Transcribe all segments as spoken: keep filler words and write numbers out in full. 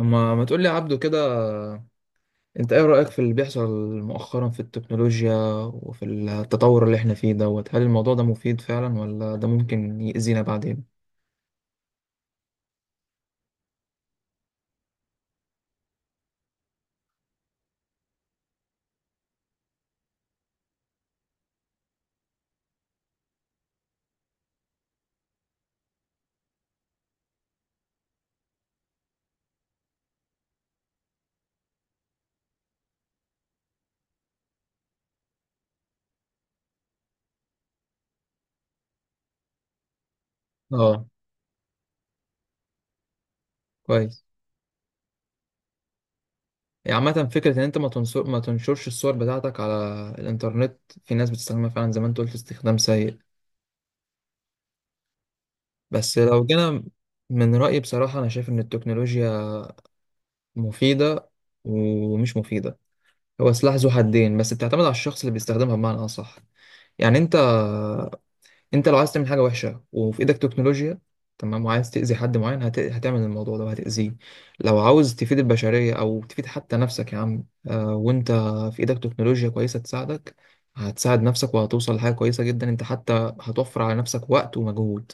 اما ما تقول لي يا عبدو كده. انت ايه رأيك في اللي بيحصل مؤخرا في التكنولوجيا وفي التطور اللي احنا فيه دوت؟ هل الموضوع ده مفيد فعلا ولا ده ممكن يأذينا بعدين؟ اه، كويس. يعني عامة فكرة ان انت ما تنشر ما تنشرش الصور بتاعتك على الانترنت، في ناس بتستخدمها فعلا زي ما انت قلت استخدام سيء. بس لو جينا، من رأيي بصراحة انا شايف ان التكنولوجيا مفيدة ومش مفيدة، هو سلاح ذو حدين، بس بتعتمد على الشخص اللي بيستخدمها بمعنى اصح. يعني انت انت لو عايز تعمل حاجه وحشه وفي ايدك تكنولوجيا تمام، وعايز تاذي حد معين، هت... هتعمل الموضوع ده وهتاذيه. لو عاوز تفيد البشريه او تفيد حتى نفسك يا عم، آه وانت في ايدك تكنولوجيا كويسه تساعدك، هتساعد نفسك وهتوصل لحاجه كويسه جدا. انت حتى هتوفر على نفسك وقت ومجهود.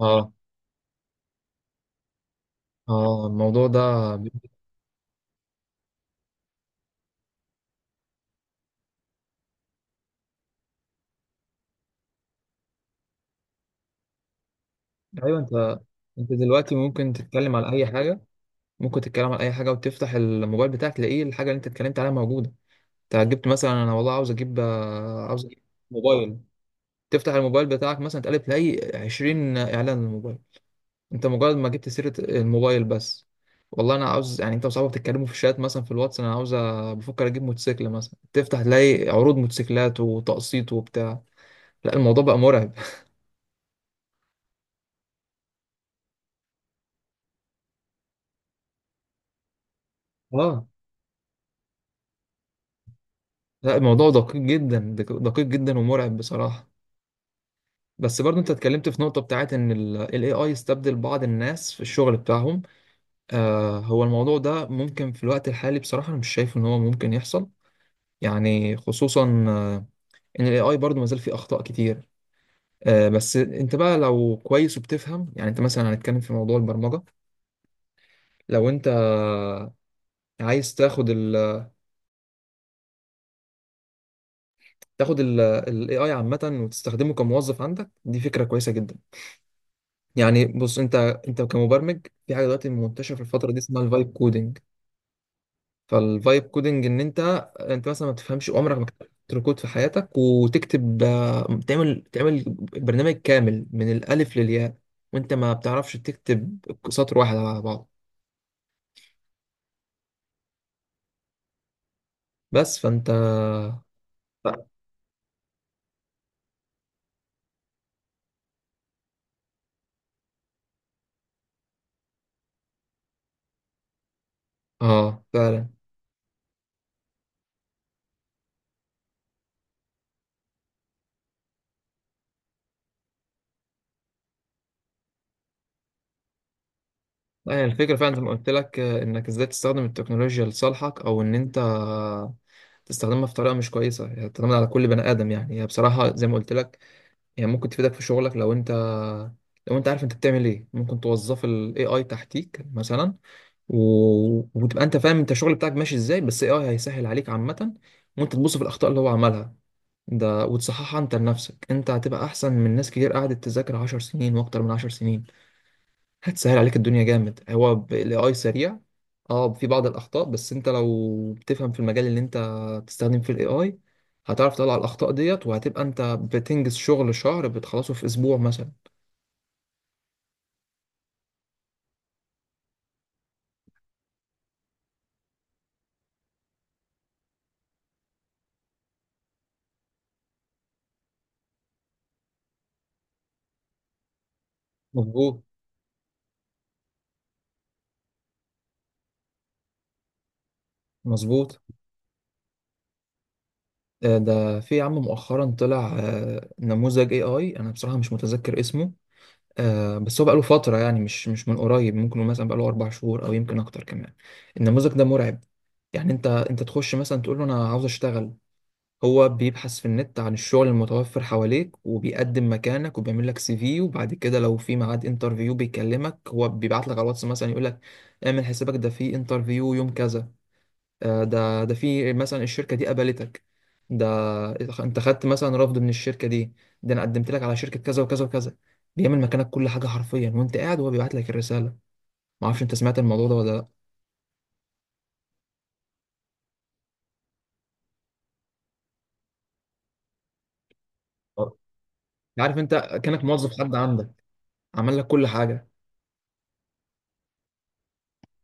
اه اه الموضوع ده بي- ايوه انت انت دلوقتي ممكن تتكلم على اي حاجه، ممكن تتكلم على اي حاجه وتفتح الموبايل بتاعك تلاقيه الحاجه اللي انت اتكلمت عليها موجوده. انت جبت مثلا، انا والله عاوز اجيب، آه، عاوز اجيب موبايل، تفتح الموبايل بتاعك مثلا تقلب تلاقي عشرين اعلان للموبايل، انت مجرد ما جبت سيرة الموبايل بس. والله انا عاوز، يعني انت وصاحبك تتكلموا في الشات مثلا في الواتس، انا عاوز أ- بفكر اجيب موتوسيكل مثلا، تفتح تلاقي عروض موتوسيكلات وتقسيط وبتاع. لا الموضوع بقى مرعب. اه، لا الموضوع دقيق جدا، دق- دقيق جدا ومرعب بصراحة. بس برضه انت اتكلمت في نقطة بتاعت ان ال اي اي استبدل بعض الناس في الشغل بتاعهم. آه هو الموضوع ده ممكن في الوقت الحالي بصراحة انا مش شايف ان هو ممكن يحصل، يعني خصوصا ان الاي اي برضه ما زال فيه اخطاء كتير. آه، بس انت بقى لو كويس وبتفهم، يعني انت مثلا هنتكلم في موضوع البرمجه. لو انت عايز تاخد ال تاخد الاي اي عامه وتستخدمه كموظف عندك، دي فكره كويسه جدا. يعني بص انت، انت كمبرمج، في حاجه دلوقتي منتشره في الفتره دي اسمها الفايب كودنج. فالفايب كودنج ان انت، انت مثلا ما بتفهمش، عمرك ما كتبت كود في حياتك، وتكتب، آه، تعمل تعمل برنامج كامل من الالف للياء وانت ما بتعرفش تكتب سطر واحد على بعض. بس فانت لا. اه فعلا. لا، يعني الفكرة فعلا زي ما قلت لك، آه، انك ازاي تستخدم التكنولوجيا لصالحك او ان انت تستخدمها في طريقة مش كويسة، يعني تعتمد على كل بني ادم. يعني هي بصراحة زي ما قلت لك، يعني ممكن تفيدك في شغلك لو انت، لو انت عارف انت بتعمل ايه، ممكن توظف الاي اي تحتيك مثلا، و... وتبقى انت فاهم انت الشغل بتاعك ماشي ازاي، بس الاي اي هيسهل عليك عامة. وانت تبص في الاخطاء اللي هو عملها ده وتصححها انت لنفسك، انت هتبقى احسن من ناس كتير قعدت تذاكر 10 سنين واكتر من 10 سنين. هتسهل عليك الدنيا جامد هو الاي سريع. اه في بعض الاخطاء، بس انت لو بتفهم في المجال اللي انت بتستخدم فيه الاي اي، هتعرف تطلع الاخطاء ديت وهتبقى انت بتنجز شغل شهر بتخلصه في اسبوع مثلا. مظبوط، مظبوط. آه، ده في يا عم مؤخرا طلع، آه، نموذج اي اي انا بصراحة مش متذكر اسمه، آه، بس هو بقاله فترة، يعني مش مش من قريب، ممكن مثلا بقاله اربع شهور او يمكن اكتر كمان. النموذج ده مرعب. يعني انت، انت تخش مثلا تقول له انا عاوز اشتغل، هو بيبحث في النت عن الشغل المتوفر حواليك، وبيقدم مكانك، وبيعمل لك سي في، وبعد كده لو في ميعاد انترفيو بيكلمك، هو بيبعت لك على الواتس مثلا يقول لك اعمل حسابك ده في انترفيو يوم كذا. آه، ده ده في مثلا الشركة دي قبلتك، ده انت خدت مثلا رفض من الشركة دي، ده انا قدمت لك على شركة كذا وكذا وكذا. بيعمل مكانك كل حاجة حرفيا وانت قاعد وهو بيبعت لك الرسالة. معرفش انت سمعت الموضوع ده ولا؟ لا عارف انت كأنك موظف حد عندك عمل لك كل حاجة.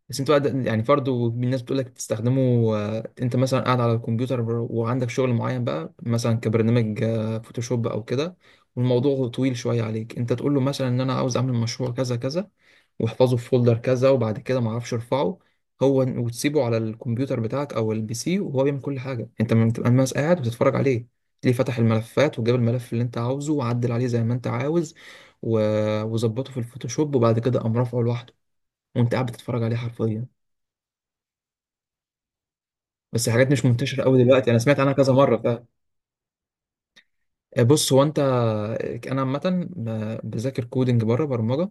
بس انتوا قاعد- يعني برضه الناس بتقول لك تستخدمه. آه، انت مثلا قاعد على الكمبيوتر بر- وعندك شغل معين بقى مثلا كبرنامج، آه، فوتوشوب او كده، والموضوع طويل شويه عليك، انت تقول له مثلا ان انا عاوز اعمل مشروع كذا كذا، واحفظه في فولدر كذا، وبعد كده ما اعرفش ارفعه هو، وتسيبه على الكمبيوتر بتاعك او البي سي وهو بيعمل كل حاجه، انت ما بتبقى بس قاعد وتتفرج عليه. تلاقيه فتح الملفات وجاب الملف اللي انت عاوزه وعدل عليه زي ما انت عاوز، و- وظبطه في الفوتوشوب، وبعد كده قام رافعه لوحده، وانت قاعد بتتفرج عليه حرفيا. بس حاجات مش منتشرة قوي دلوقتي، انا سمعت عنها كذا مرة فعلا. آه، بص هو انت، انا عامة ب- بذاكر كودنج بره برمجة،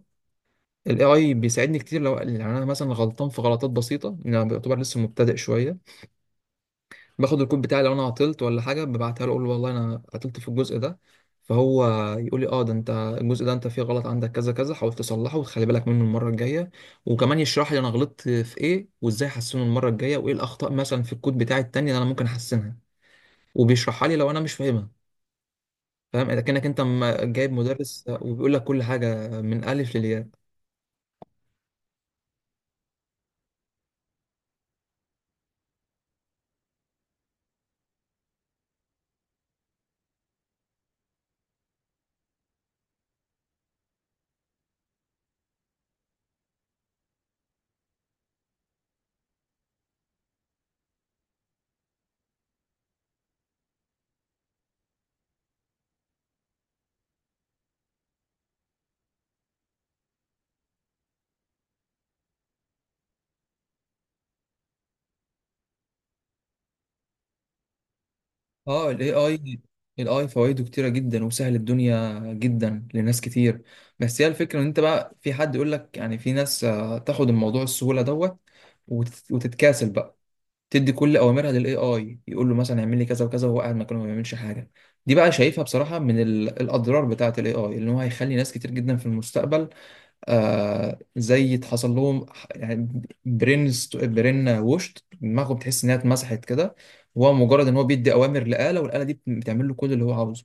الاي اي بيساعدني كتير. لو يعني انا مثلا غلطان في غلطات بسيطة، يعني انا بعتبر لسه مبتدئ شوية، باخد الكود بتاعي لو انا عطلت ولا حاجة، ببعتها له اقول له والله انا عطلت في الجزء ده، فهو يقول لي اه ده انت الجزء ده انت فيه غلط، عندك كذا كذا، حاول تصلحه وتخلي بالك منه المرة الجاية، وكمان يشرح لي انا غلطت في ايه وازاي احسنه المرة الجاية، وايه الاخطاء مثلا في الكود بتاعي التاني اللي انا ممكن احسنها، وبيشرحها لي لو انا مش فاهمها. فاهم، اذا كانك انت م- جايب مدرس وبيقول لك كل حاجه من الف للياء. اه الاي اي، الاي فوائده كتيره جدا وسهل الدنيا جدا لناس كتير. بس هي الفكره ان انت بقى في حد يقول لك، يعني في ناس، آه، تاخد الموضوع السهوله دوت وتت- وتتكاسل بقى، تدي كل اوامرها للاي اي، يقول له مثلا اعمل لي كذا وكذا وهو قاعد مكانه ما بيعملش حاجه. دي بقى شايفها بصراحه من ال- الاضرار بتاعه الاي اي، ان هو هيخلي ناس كتير جدا في المستقبل، آه زي اتحصل لهم ح- يعني برين است- برين ووشت دماغه بتحس انها اتمسحت كده، هو مجرد ان هو بيدي اوامر لآلة والآلة دي بت- بتعمل له كل اللي هو عاوزه.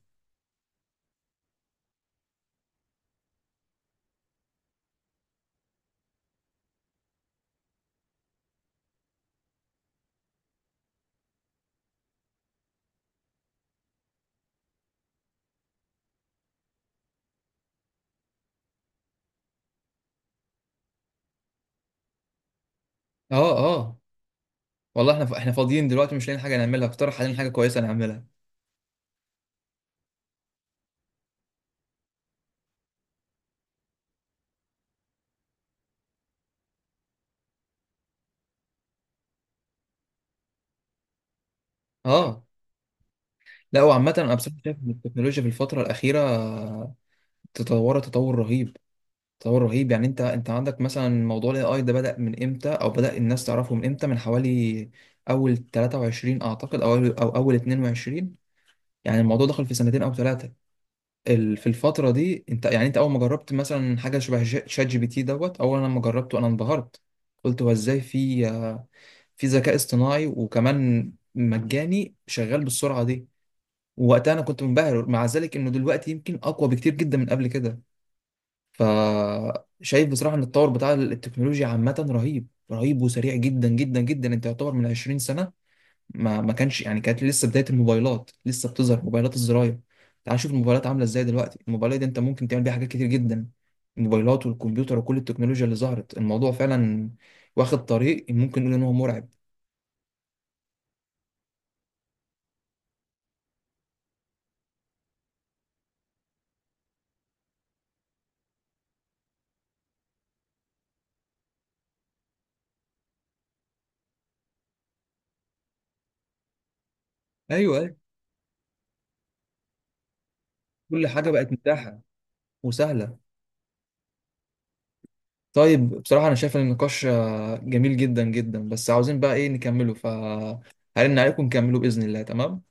اه اه والله احنا ف- احنا فاضيين دلوقتي مش لاقيين حاجه نعملها، اقترح علينا حاجه كويسه نعملها. اه لا وعامه انا بصراحه شايف ان التكنولوجيا في الفتره الاخيره تطورت تطور رهيب، تطور رهيب. يعني انت، انت عندك مثلا موضوع الاي اي ده بدأ من امتى او بدأ الناس تعرفه من امتى؟ من حوالي اول تلاتة وعشرين اعتقد او اول او اول اتنين وعشرين، يعني الموضوع دخل في سنتين او ثلاثه. ال- في الفتره دي انت، يعني انت اول ما جربت مثلا حاجه شبه ش- شات جي بي تي دوت، اول لما جربته انا انبهرت، قلت هو ازاي في، آه، في ذكاء اصطناعي وكمان مجاني شغال بالسرعه دي. ووقتها انا كنت منبهر، مع ذلك انه دلوقتي يمكن اقوى بكتير جدا من قبل كده. فشايف بصراحه ان التطور بتاع التكنولوجيا عامه رهيب رهيب وسريع جدا جدا جدا. انت يعتبر من عشرين سنة سنه ما ما كانش، يعني كانت لسه بداية الموبايلات، لسه بتظهر موبايلات الزراير. تعال نشوف الموبايلات عاملة ازاي دلوقتي، الموبايلات دي انت ممكن تعمل بيها حاجات كتير جدا. الموبايلات والكمبيوتر وكل التكنولوجيا اللي ظهرت، الموضوع فعلا واخد طريق ممكن نقول ان هو مرعب. ايوه، ايوه. كل حاجة بقت متاحة وسهلة. طيب بصراحة انا شايف ان النقاش، آه، جميل جدا جدا، بس عاوزين بقى ايه نكمله، فهرن عليكم نكمله بإذن الله. تمام.